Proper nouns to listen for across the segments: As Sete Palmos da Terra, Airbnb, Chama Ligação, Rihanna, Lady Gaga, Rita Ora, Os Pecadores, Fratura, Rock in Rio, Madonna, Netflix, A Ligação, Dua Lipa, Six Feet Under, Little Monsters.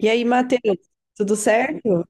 E aí, Matheus, tudo certo?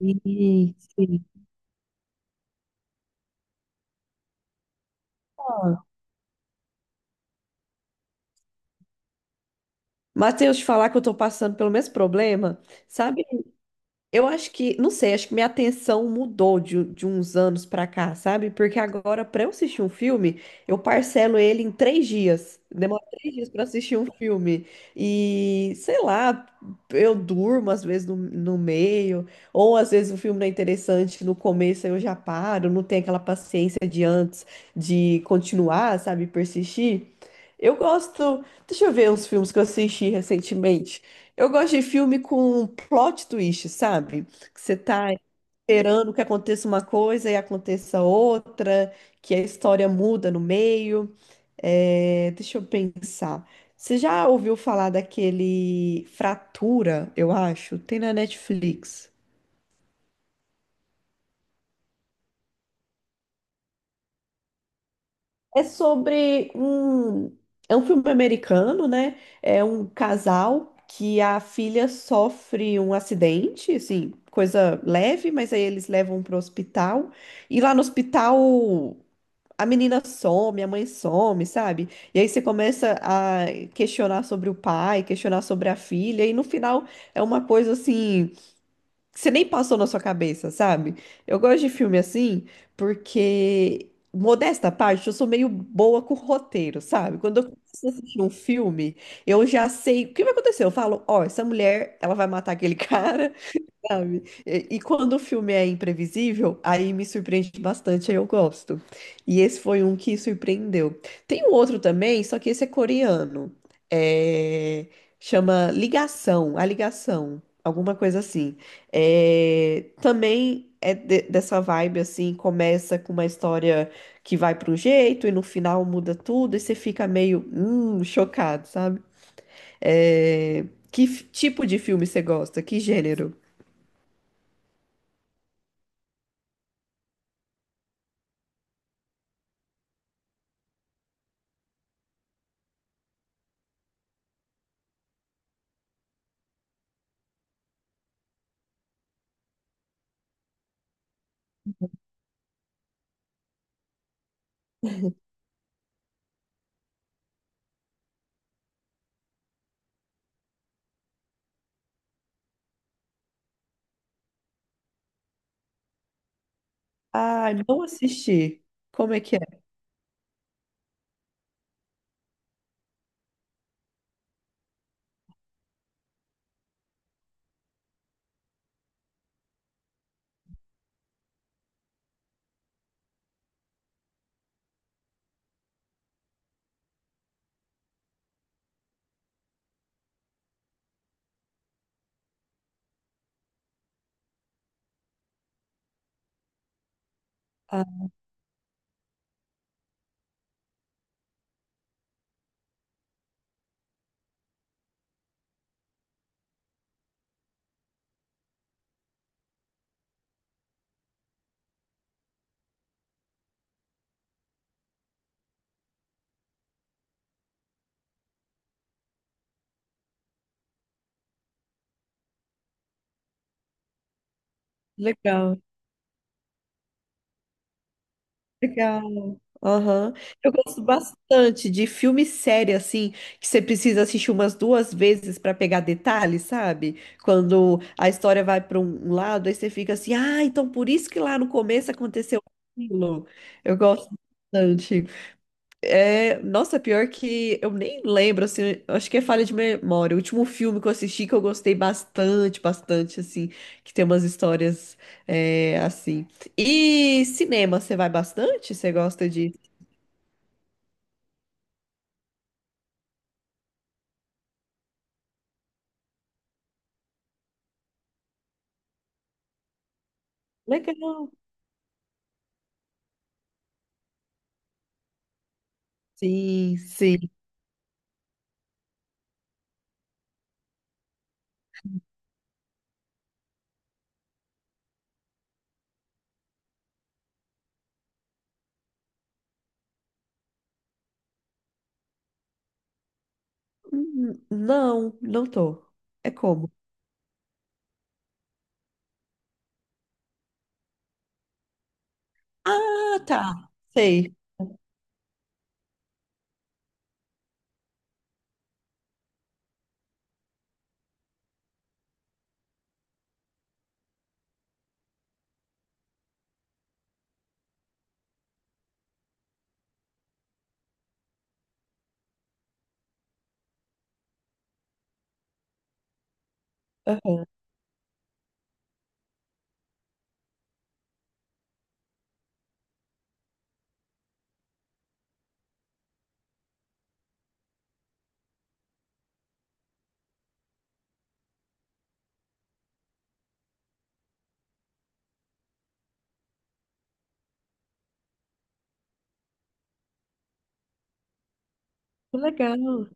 E, Matheus, te falar que eu tô passando pelo mesmo problema, sabe? Eu acho que, não sei, acho que minha atenção mudou de uns anos pra cá, sabe? Porque agora, pra eu assistir um filme, eu parcelo ele em 3 dias. Demora 3 dias pra assistir um filme. E, sei lá, eu durmo às vezes no meio, ou às vezes o filme não é interessante no começo, aí eu já paro, não tenho aquela paciência de antes de continuar, sabe? Persistir. Eu gosto. Deixa eu ver uns filmes que eu assisti recentemente. Eu gosto de filme com plot twist, sabe? Que você tá esperando que aconteça uma coisa e aconteça outra, que a história muda no meio. É, deixa eu pensar. Você já ouviu falar daquele Fratura, eu acho? Tem na Netflix. É sobre um. É um filme americano, né? É um casal que a filha sofre um acidente, assim, coisa leve, mas aí eles levam pro hospital. E lá no hospital a menina some, a mãe some, sabe? E aí você começa a questionar sobre o pai, questionar sobre a filha, e no final é uma coisa assim que você nem passou na sua cabeça, sabe? Eu gosto de filme assim porque, modesta à parte, eu sou meio boa com roteiro, sabe? Quando eu começo a assistir um filme, eu já sei o que vai acontecer. Eu falo, ó, essa mulher, ela vai matar aquele cara, sabe? E, quando o filme é imprevisível, aí me surpreende bastante, aí eu gosto. E esse foi um que surpreendeu. Tem um outro também, só que esse é coreano. É, chama Ligação, A Ligação, alguma coisa assim. É, também é dessa vibe assim, começa com uma história que vai para um jeito e no final muda tudo e você fica meio chocado, sabe? É, tipo de filme você gosta? Que gênero? Ah, não assisti. Como é que é? Ah, legal, legal. Aham. Eu gosto bastante de filme série, assim, que você precisa assistir umas duas vezes para pegar detalhes, sabe? Quando a história vai para um lado, aí você fica assim, ah, então por isso que lá no começo aconteceu aquilo. Eu gosto bastante. É, nossa, pior que eu nem lembro, assim, eu acho que é falha de memória. O último filme que eu assisti que eu gostei bastante, bastante, assim, que tem umas histórias, é, assim. E cinema, você vai bastante? Você gosta de... Legal. Sim, sim. Não, não tô. É como? Ah, tá. Sei. Aham. Que legal.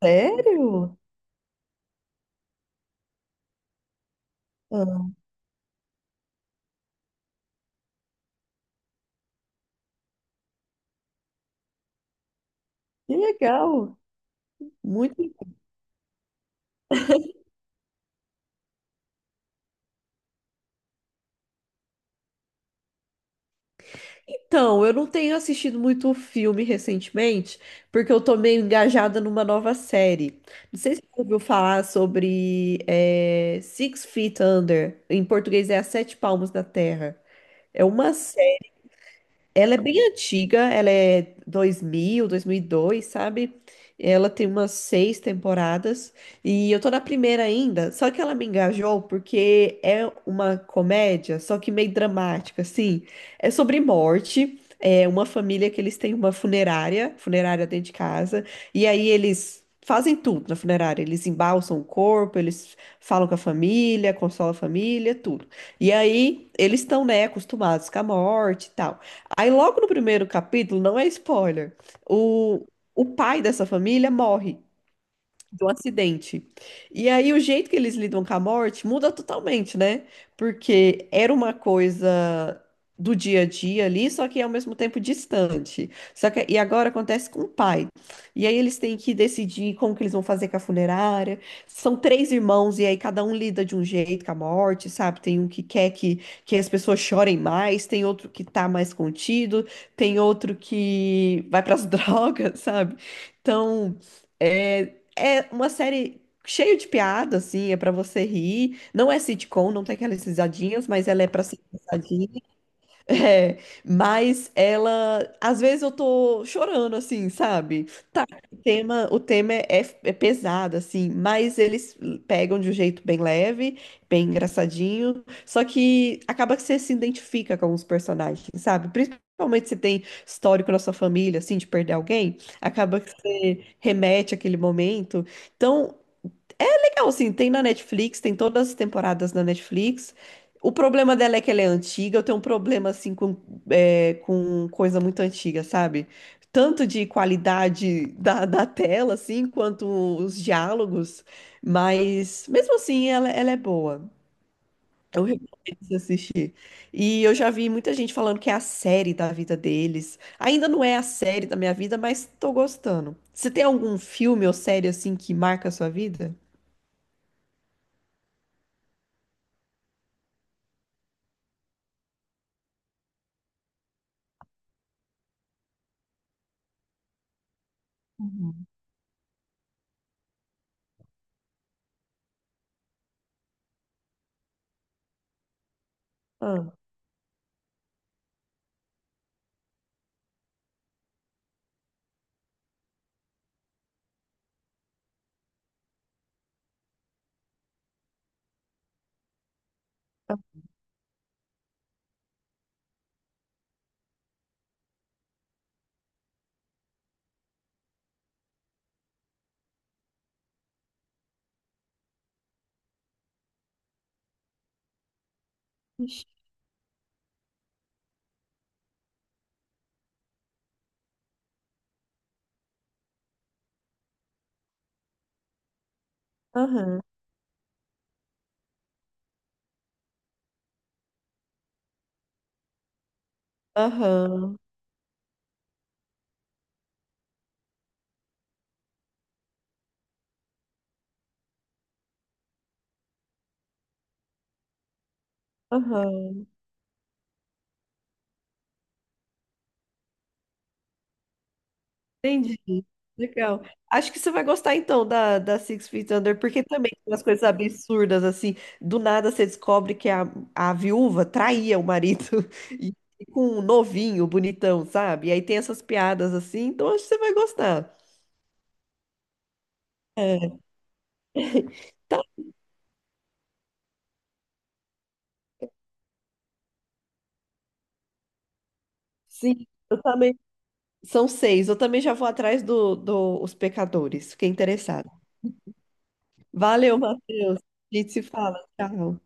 Sério? Ah, que legal. Muito. Então, eu não tenho assistido muito filme recentemente, porque eu tô meio engajada numa nova série. Não sei se você ouviu falar sobre Six Feet Under. Em português é As Sete Palmos da Terra. É uma, ela é bem antiga, ela é 2002, sabe? Ela tem umas seis temporadas e eu tô na primeira ainda, só que ela me engajou porque é uma comédia, só que meio dramática, assim. É sobre morte, é uma família que eles têm uma funerária, funerária dentro de casa, e aí eles fazem tudo na funerária, eles embalsam o corpo, eles falam com a família, consolam a família, tudo. E aí eles estão, né, acostumados com a morte e tal. Aí, logo no primeiro capítulo, não é spoiler, o, o pai dessa família morre do acidente. E aí o jeito que eles lidam com a morte muda totalmente, né? Porque era uma coisa do dia a dia ali, só que ao mesmo tempo distante. Só que e agora acontece com o pai. E aí eles têm que decidir como que eles vão fazer com a funerária. São três irmãos e aí cada um lida de um jeito com a morte, sabe? Tem um que quer que as pessoas chorem mais, tem outro que tá mais contido, tem outro que vai para as drogas, sabe? Então, é, uma série cheia de piada, assim, é pra você rir. Não é sitcom, não tem aquelas risadinhas, mas ela é pra ser engraçadinha. É, mas ela, às vezes eu tô chorando assim, sabe? Tá, o tema é pesado assim, mas eles pegam de um jeito bem leve, bem engraçadinho, só que acaba que você se identifica com os personagens, sabe? Principalmente se tem histórico na sua família, assim, de perder alguém, acaba que você remete àquele momento. Então, é legal, assim, tem na Netflix, tem todas as temporadas na Netflix. O problema dela é que ela é antiga, eu tenho um problema, assim, com, é, com coisa muito antiga, sabe? Tanto de qualidade da tela, assim, quanto os diálogos, mas mesmo assim ela é boa. Eu recomendo você assistir. E eu já vi muita gente falando que é a série da vida deles. Ainda não é a série da minha vida, mas tô gostando. Você tem algum filme ou série assim que marca a sua vida? Uhum. Ah. Ixi, aham, aham, aham. Entendi, legal. Acho que você vai gostar então da Six Feet Under, porque também tem umas coisas absurdas, assim. Do nada você descobre que a viúva traía o marido e com um novinho, bonitão, sabe? E aí tem essas piadas assim, então acho que você vai gostar. É. Tá, sim, eu também. São seis. Eu também já vou atrás do, do Os Pecadores. Fiquei interessada. Valeu, Matheus. A gente se fala. Tchau.